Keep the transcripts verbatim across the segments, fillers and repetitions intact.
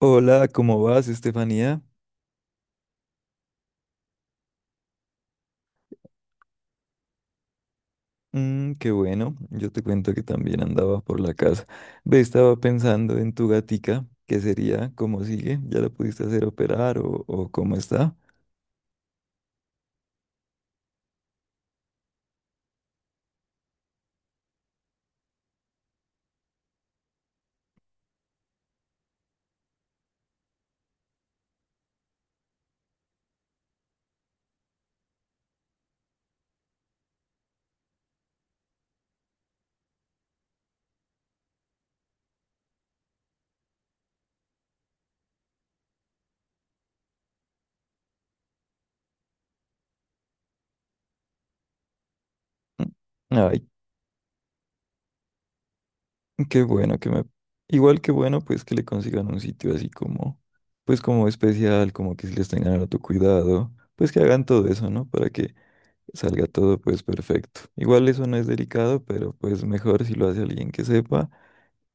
Hola, ¿cómo vas, Estefanía? Mm, qué bueno, yo te cuento que también andaba por la casa. Ve, estaba pensando en tu gatica, ¿qué sería? ¿Cómo sigue? ¿Ya la pudiste hacer operar o, o cómo está? Mm. Ay, qué bueno que me... Igual que bueno, pues que le consigan un sitio así como, pues como especial, como que si les tengan tu cuidado, pues que hagan todo eso, ¿no? Para que salga todo pues perfecto. Igual eso no es delicado, pero pues mejor si lo hace alguien que sepa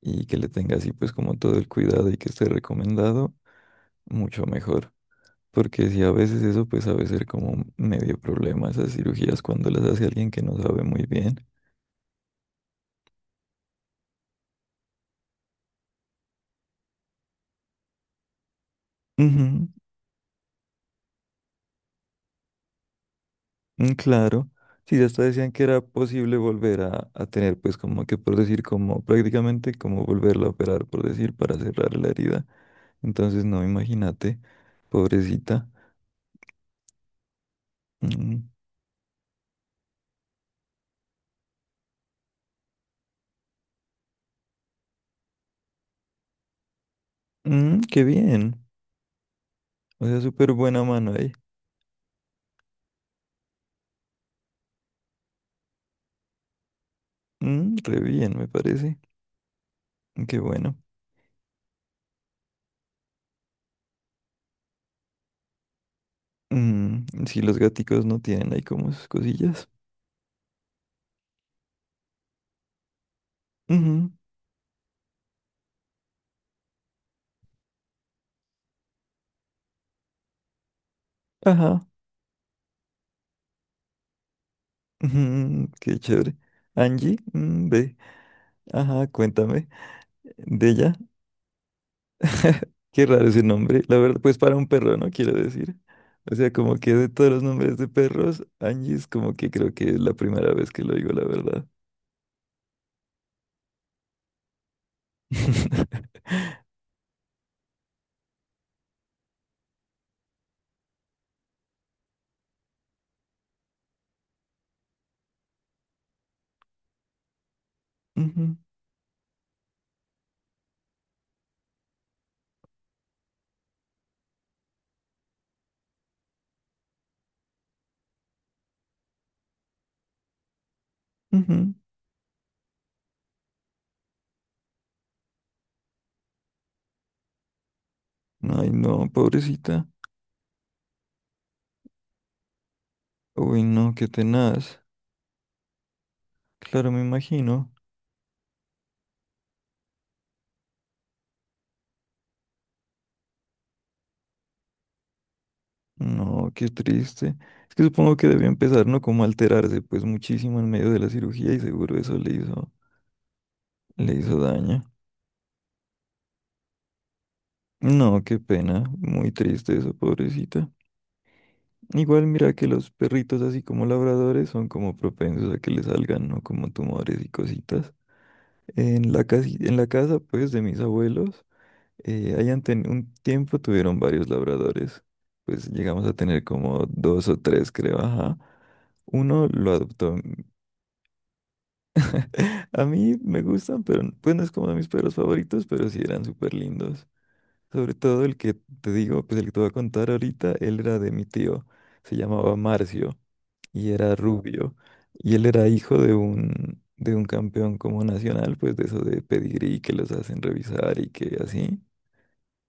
y que le tenga así pues como todo el cuidado y que esté recomendado, mucho mejor. Porque si a veces eso pues sabe ser como medio problema esas cirugías cuando las hace alguien que no sabe muy bien. Ujú, mm, claro. Sí, ya hasta decían que era posible volver a, a tener pues como que por decir como prácticamente como volverla a operar por decir para cerrar la herida. Entonces no, imagínate, pobrecita. Mm. Mm, qué bien. O sea, súper buena mano ahí. Mm, re bien, me parece. Qué bueno. Mm, si los gaticos no tienen ahí como sus cosillas. Ujú. Ajá. Ujú, qué chévere. Angie, mm, ve. Ajá, cuéntame de ella. Qué raro ese nombre. La verdad, pues para un perro, ¿no? Quiero decir. O sea, como que de todos los nombres de perros, Angie es como que creo que es la primera vez que lo digo, la verdad. Ujú, ujú. Ay, no, pobrecita. Uy, no, qué tenaz. Claro, me imagino. No, qué triste. Es que supongo que debió empezar, ¿no? Como a alterarse, pues muchísimo en medio de la cirugía y seguro eso le hizo, le hizo daño. No, qué pena. Muy triste eso, pobrecita. Igual mira que los perritos, así como labradores, son como propensos a que le salgan, ¿no? Como tumores y cositas. En la casi- en la casa, pues, de mis abuelos. Eh, ahí ante un tiempo tuvieron varios labradores. Pues llegamos a tener como dos o tres, creo. Ajá. Uno lo adoptó. A mí me gustan, pero n- pues no es como de mis perros favoritos, pero sí eran súper lindos. Sobre todo el que te digo, pues el que te voy a contar ahorita, él era de mi tío. Se llamaba Marcio y era rubio. Y él era hijo de un, de un campeón como nacional, pues de eso de pedigrí que los hacen revisar y que así.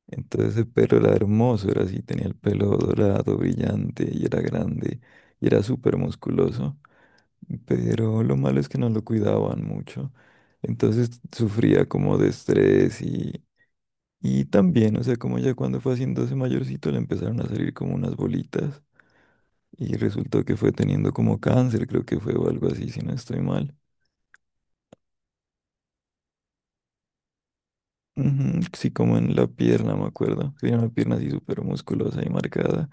Entonces el perro era hermoso, era así, tenía el pelo dorado, brillante, y era grande, y era súper musculoso, pero lo malo es que no lo cuidaban mucho. Entonces sufría como de estrés y, y también, o sea, como ya cuando fue haciéndose mayorcito le empezaron a salir como unas bolitas y resultó que fue teniendo como cáncer, creo que fue o algo así, si no estoy mal. Ujú. Sí, como en la pierna, me acuerdo. Tenía una pierna así súper musculosa y marcada.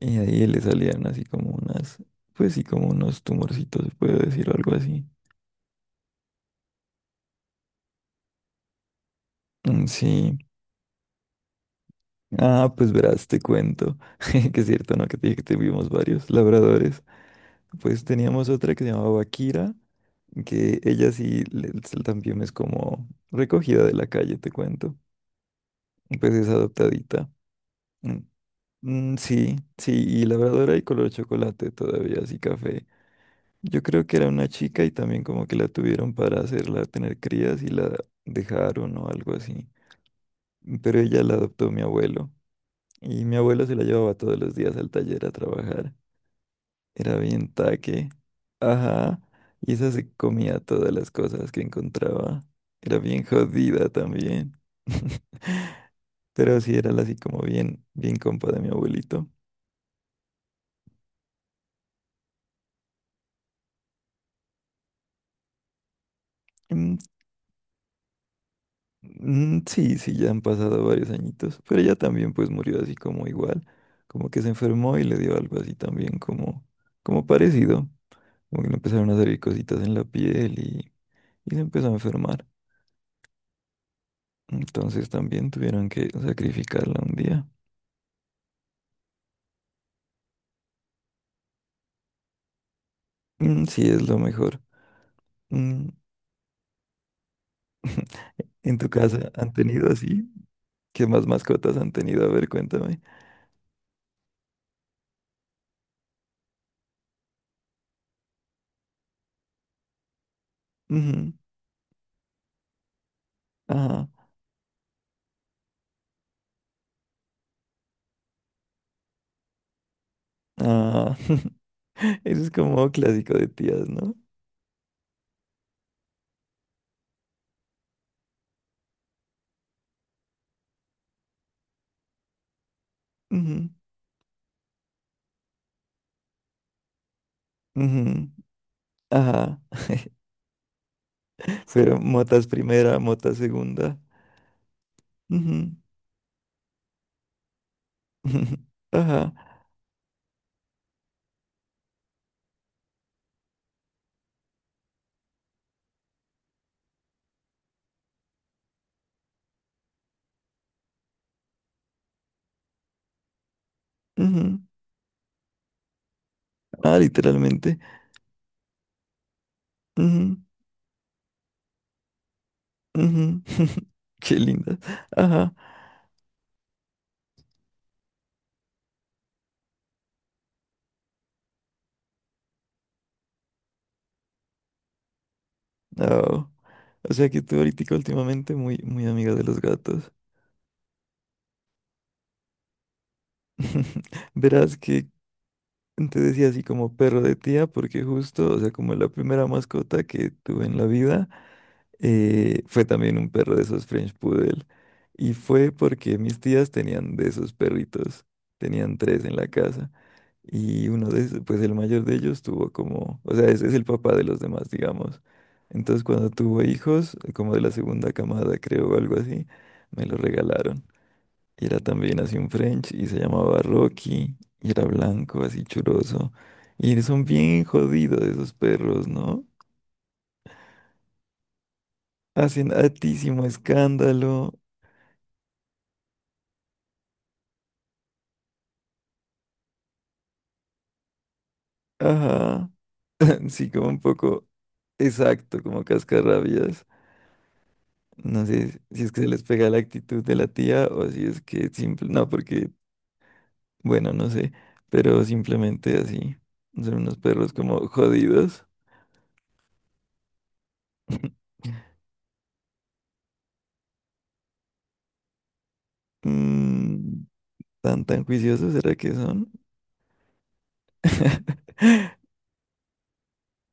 Y ahí le salían así como unas, pues sí, como unos tumorcitos, se puede decir, o algo así. Mm. Sí. Ah, pues verás, te cuento. Que es cierto, ¿no? Que te dije que tuvimos varios labradores. Pues teníamos otra que se llamaba Kira, que ella sí le- también es como recogida de la calle, te cuento. Pues es adoptadita. Mm, sí, sí, y labradora y color chocolate todavía, así café. Yo creo que era una chica y también como que la tuvieron para hacerla tener crías y la dejaron o algo así. Pero ella la adoptó mi abuelo y mi abuelo se la llevaba todos los días al taller a trabajar. Era bien taque. Ajá. Y esa se comía todas las cosas que encontraba. Era bien jodida también. Pero sí era la así como bien, bien compa de mi abuelito. Mm. Mm, sí, sí, ya han pasado varios añitos, pero ella también pues murió así como igual, como que se enfermó y le dio algo así también como, como parecido, como que le empezaron a salir cositas en la piel y, y se empezó a enfermar, entonces también tuvieron que sacrificarla un día. Mm, sí, es lo mejor. Mm. ¿En tu casa han tenido así? ¿Qué más mascotas han tenido? A ver, cuéntame. Ujú. Ajá. Ah, eso es como clásico de tías, ¿no? Ujú, ujú. Ajá. Fueron motas primera, mota segunda. Ujú, ujú. Ajá. Ujú. Ah, literalmente. Ujú, ujú. Qué linda. Ajá. Oh. O sea que tú ahorita últimamente muy, muy amiga de los gatos. Verás que te decía así como perro de tía, porque justo, o sea, como la primera mascota que tuve en la vida. Eh, fue también un perro de esos French Poodle. Y fue porque mis tías tenían de esos perritos. Tenían tres en la casa. Y uno de esos, pues el mayor de ellos tuvo como, o sea, ese es el papá de los demás, digamos. Entonces cuando tuvo hijos, como de la segunda camada, creo, o algo así, me lo regalaron. Y era también así un French y se llamaba Rocky. Y era blanco, así churoso. Y son bien jodidos esos perros, ¿no? Hacen altísimo escándalo. Ajá. Sí, como un poco exacto, como cascarrabias. No sé si es que se les pega la actitud de la tía o si es que simple, no, porque, bueno, no sé, pero simplemente así. Son unos perros como jodidos. Mm, ¿tan tan juiciosos será que son?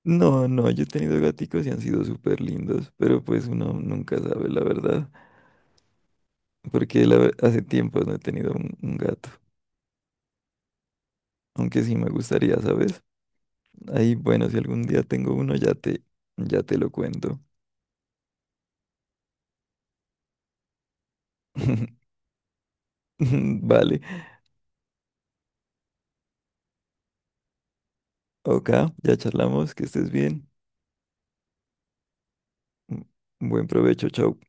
No, no, yo he tenido gaticos y han sido súper lindos, pero pues uno nunca sabe la verdad, porque la ver- hace tiempo no he tenido un, un gato, aunque sí me gustaría, ¿sabes? Ahí, bueno, si algún día tengo uno, ya te, ya te lo cuento. Vale. Ok, ya charlamos, que estés bien. Buen provecho, chao.